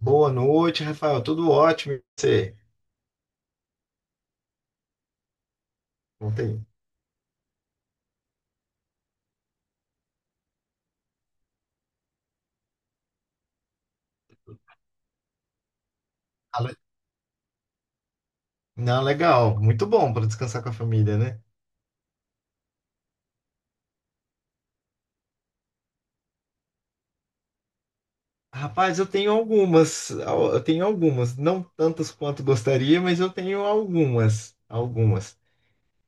Boa noite, Rafael. Tudo ótimo. E você? Ontem. Ah, le- Não, legal. Muito bom para descansar com a família, né? Rapaz, eu tenho algumas. Eu tenho algumas. Não tantas quanto gostaria, mas eu tenho algumas. Algumas.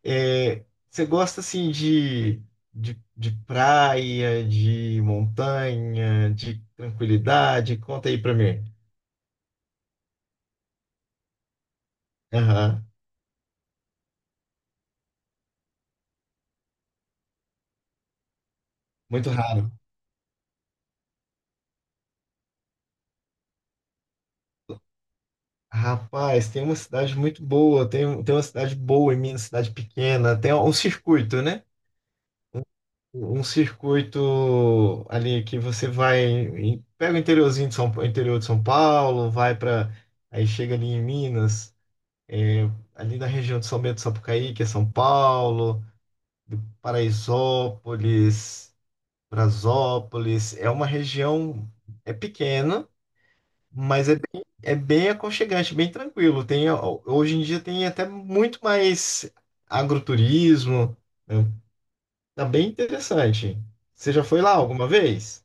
É, Você gosta, assim, de praia, de montanha, de tranquilidade? Conta aí para mim. Aham. Muito raro. Rapaz, tem uma cidade muito boa, tem uma cidade boa em Minas, cidade pequena, tem um circuito, né? Um circuito ali que você vai, pega o interiorzinho de interior de São Paulo, vai para, aí chega ali em Minas, é, ali na região de São Bento do Sapucaí, que é São Paulo, do Paraisópolis, Brasópolis, é uma região, é pequena. Mas é bem aconchegante, bem tranquilo. Tem, ó, hoje em dia tem até muito mais agroturismo, né? Tá bem interessante. Você já foi lá alguma vez?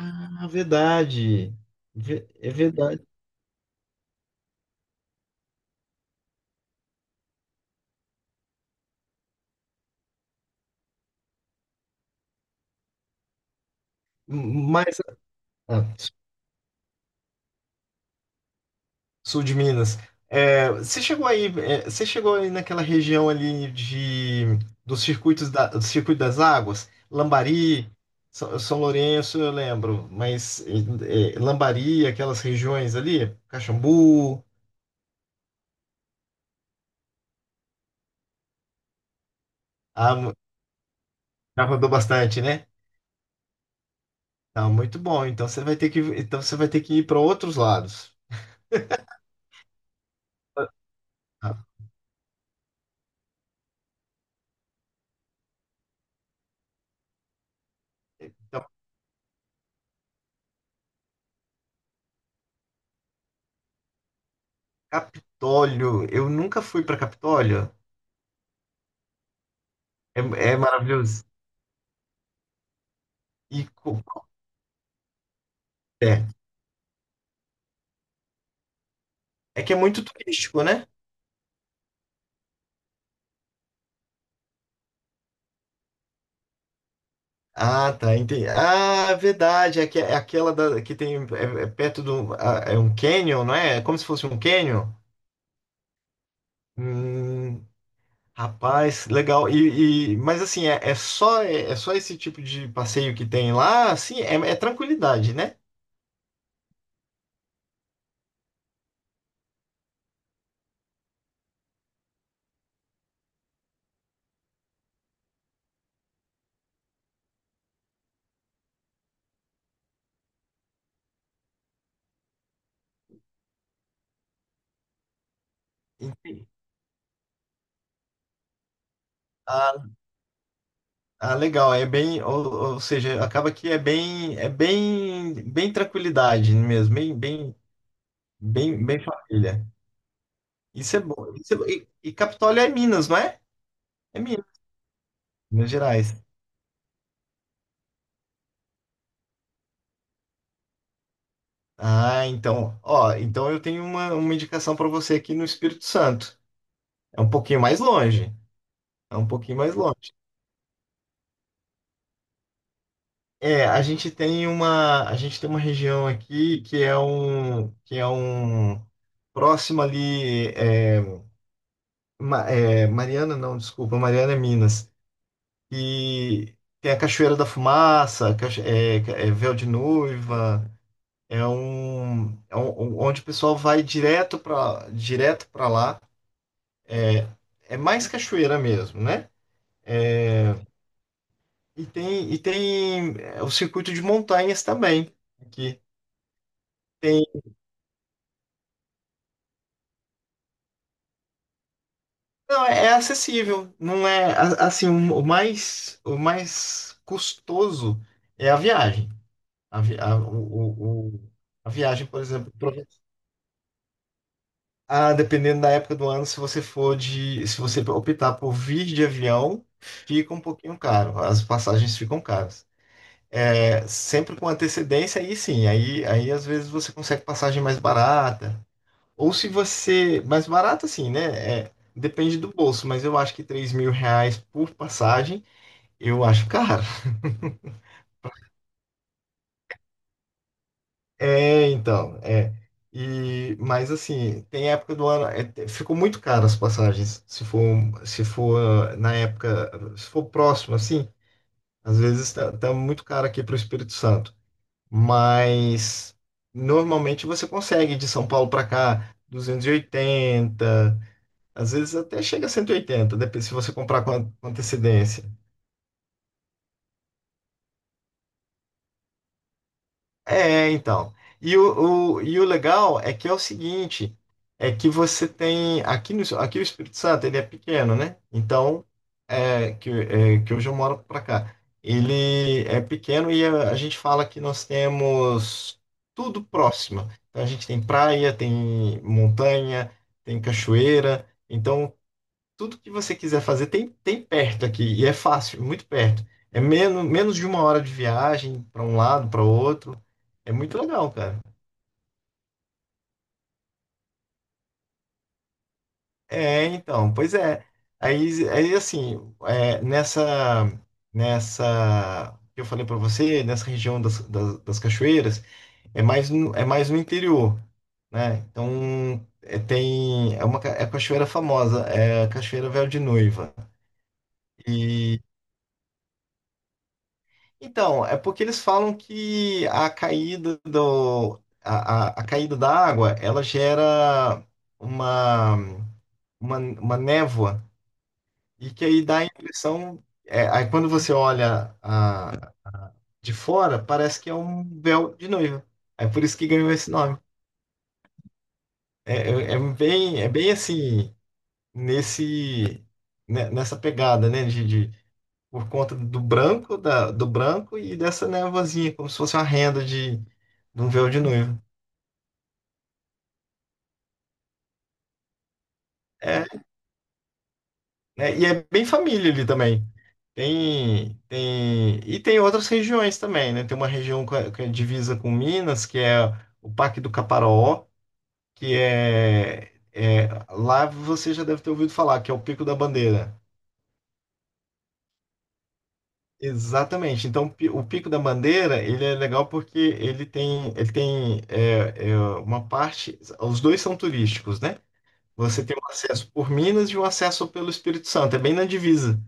Ah, verdade. É verdade. Mas. Ah, Sul de Minas. Você chegou aí naquela região ali de dos circuitos da, do Circuito das Águas, Lambari, São Lourenço, eu lembro, mas Lambari, aquelas regiões ali, Caxambu. ah, mu- Já rodou bastante, né? Tá, muito bom. Então você vai ter que, então você vai ter que ir para outros lados. Tá? Capitólio, eu nunca fui para Capitólio. É, É maravilhoso. E co- é, é que é muito turístico, né? Ah, tá, entendi. Ah, é verdade, que é aquela da, que tem, é perto do, é um canyon, não é? É como se fosse um canyon. Hum, Rapaz, legal. Mas assim, é só esse tipo de passeio que tem lá, assim, é tranquilidade, né? Ah, ah, legal, ou seja, acaba que é bem tranquilidade mesmo, bem família. Isso é bom. Isso é bom. E Capitólio é Minas, não é? É Minas, Minas Gerais. Ah, então, ó, então eu tenho uma, indicação para você aqui no Espírito Santo. É um pouquinho mais longe. É um pouquinho mais longe. A gente tem uma, a gente tem uma região aqui que é um próximo ali, Mariana, não, desculpa, Mariana é Minas. E tem a Cachoeira da Fumaça, é Véu de Noiva. É um, onde o pessoal vai direto para lá. É, é mais cachoeira mesmo, né? É, e tem o circuito de montanhas também. Aqui. Tem, não, é acessível. Não é assim, o mais custoso é a viagem. A, vi- a, o- a viagem, por exemplo. Dependendo da época do ano, se você optar por vir de avião, fica um pouquinho caro. As passagens ficam caras. Sempre com antecedência, aí sim, aí às vezes você consegue passagem mais barata. Ou se você. Mais barata, sim, né? Depende do bolso, mas eu acho que R$ 3.000 por passagem, eu acho caro. É, então, é. Mas assim, tem época do ano, ficou muito caro as passagens. Se for na época. Se for próximo, assim, às vezes tá muito caro aqui para o Espírito Santo. Mas normalmente você consegue de São Paulo para cá 280, às vezes até chega a 180, depende se você comprar com antecedência. Então. E o legal é que é o seguinte, é que você tem aqui no aqui o Espírito Santo, ele é pequeno, né? Então é, que hoje eu moro para cá. Ele é pequeno e a gente fala que nós temos tudo próximo. Então a gente tem praia, tem montanha, tem cachoeira. Então tudo que você quiser fazer tem perto aqui, e é fácil, muito perto. É menos de uma hora de viagem para um lado, para outro. É muito legal, cara. É, então, pois é. Aí assim, é, nessa, nessa, que eu falei para você, nessa região das cachoeiras, é mais no interior, né? Então, é a cachoeira famosa, é a Cachoeira Véu de Noiva. Então, é porque eles falam que a caída do, a caída da água, ela gera uma, uma névoa e que aí dá a impressão, aí quando você olha a, de fora, parece que é um véu de noiva. É por isso que ganhou esse nome. É bem assim, nesse, nessa pegada, né, de, por conta do branco, do branco e dessa névoazinha, como se fosse uma renda de um véu de noiva. É, né? E é bem família ali também. E tem outras regiões também, né? Tem uma região que é divisa com Minas, que é o Parque do Caparaó, que lá você já deve ter ouvido falar, que é o Pico da Bandeira. Exatamente. Então, o Pico da Bandeira, ele é legal porque ele tem, ele tem uma parte, os dois são turísticos, né? Você tem um acesso por Minas e um acesso pelo Espírito Santo, é bem na divisa.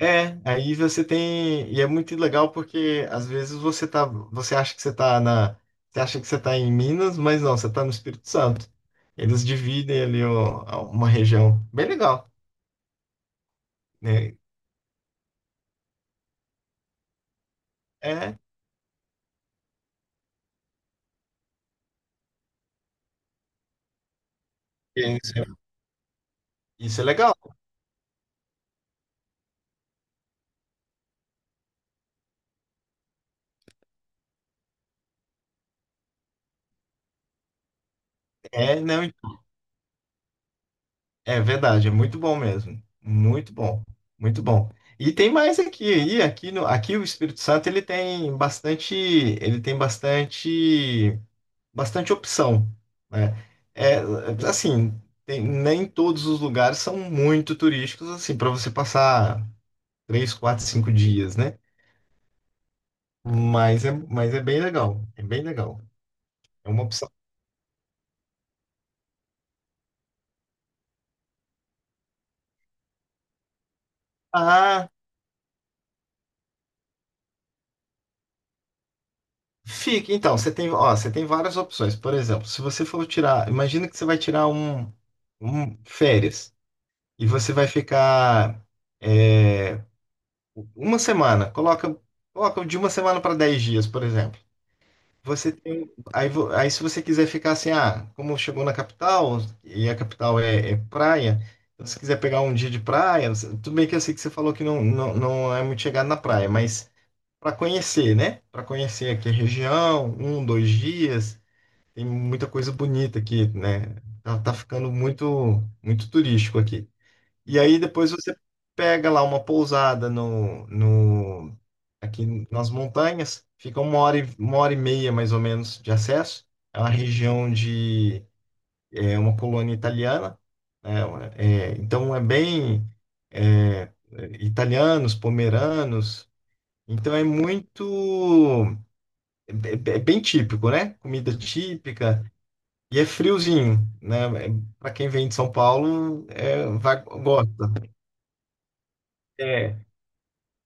Aí você tem, e é muito legal porque às vezes você tá, você acha que você acha que você tá em Minas, mas não, você tá no Espírito Santo. Eles dividem ali uma região bem legal, né? É, é, isso é, isso é legal. É, não, é verdade, é muito bom mesmo. Muito bom, muito bom. E tem mais aqui, e aqui no, aqui o Espírito Santo, ele tem bastante, ele tem bastante opção, né? É, assim, nem todos os lugares são muito turísticos, assim, para você passar 3, 4, 5 dias, né? Mas é bem legal, é bem legal. É uma opção. Ah, fica, então, você tem, ó, você tem várias opções. Por exemplo, se você for tirar, imagina que você vai tirar um férias e você vai ficar uma semana, coloca de uma semana para 10 dias, por exemplo. Você tem. Aí, se você quiser ficar assim, como chegou na capital, e a capital é praia, então se quiser pegar um dia de praia, tudo bem que eu sei que você falou que não, não, não é muito chegado na praia, mas para conhecer, né? Para conhecer aqui a região, um, dois dias, tem muita coisa bonita aqui, né? Tá, tá ficando muito, muito turístico aqui. E aí depois você pega lá uma pousada no, no aqui nas montanhas, fica uma hora e meia mais ou menos de acesso. É uma região de é uma colônia italiana, né? Então é bem, é, italianos, pomeranos. Então é muito é, é é bem típico, né? Comida típica e é friozinho, né? Para quem vem de São Paulo, vai, gosta. É,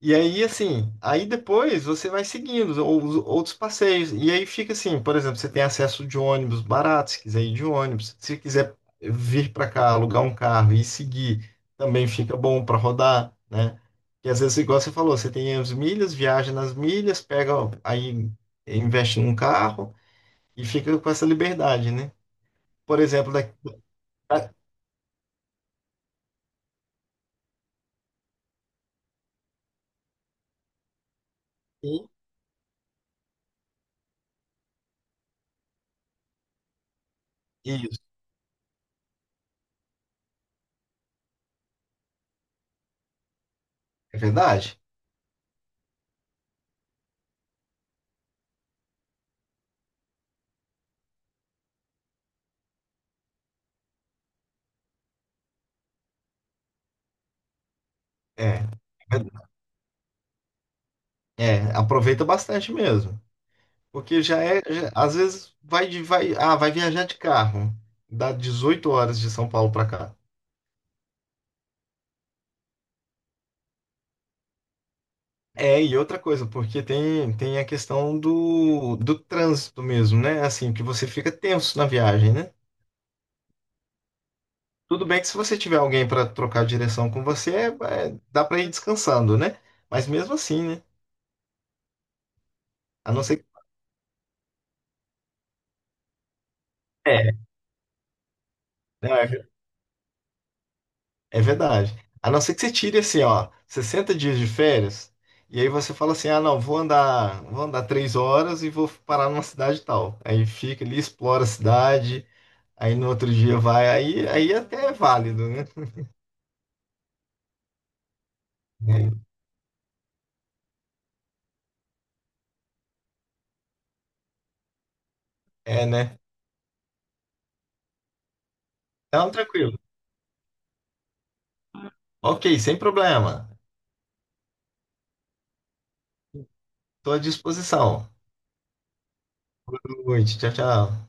E aí, assim, aí depois você vai seguindo os outros passeios. E aí fica assim, por exemplo, você tem acesso de ônibus barato, se quiser ir de ônibus. Se quiser vir para cá, alugar um carro e seguir, também fica bom para rodar, né? E às vezes, igual você falou, você tem as milhas, viaja nas milhas, pega, aí investe num carro e fica com essa liberdade, né? Por exemplo, daqui isso, é verdade? É, é, Aproveita bastante mesmo. Porque às vezes vai viajar de carro, dá 18 horas de São Paulo para cá. E outra coisa, porque tem a questão do trânsito mesmo, né? Assim, que você fica tenso na viagem, né? Tudo bem que se você tiver alguém para trocar direção com você, dá para ir descansando, né? Mas mesmo assim, né? A não ser que. É, né? É verdade. A não ser que você tire assim, ó, 60 dias de férias, e aí você fala assim, ah, não, vou andar 3 horas e vou parar numa cidade tal. Aí fica ali, explora a cidade, aí no outro dia vai, aí até é válido, né? É, né? Então, tranquilo. Ok, sem problema. Estou à disposição. Boa noite, tchau, tchau.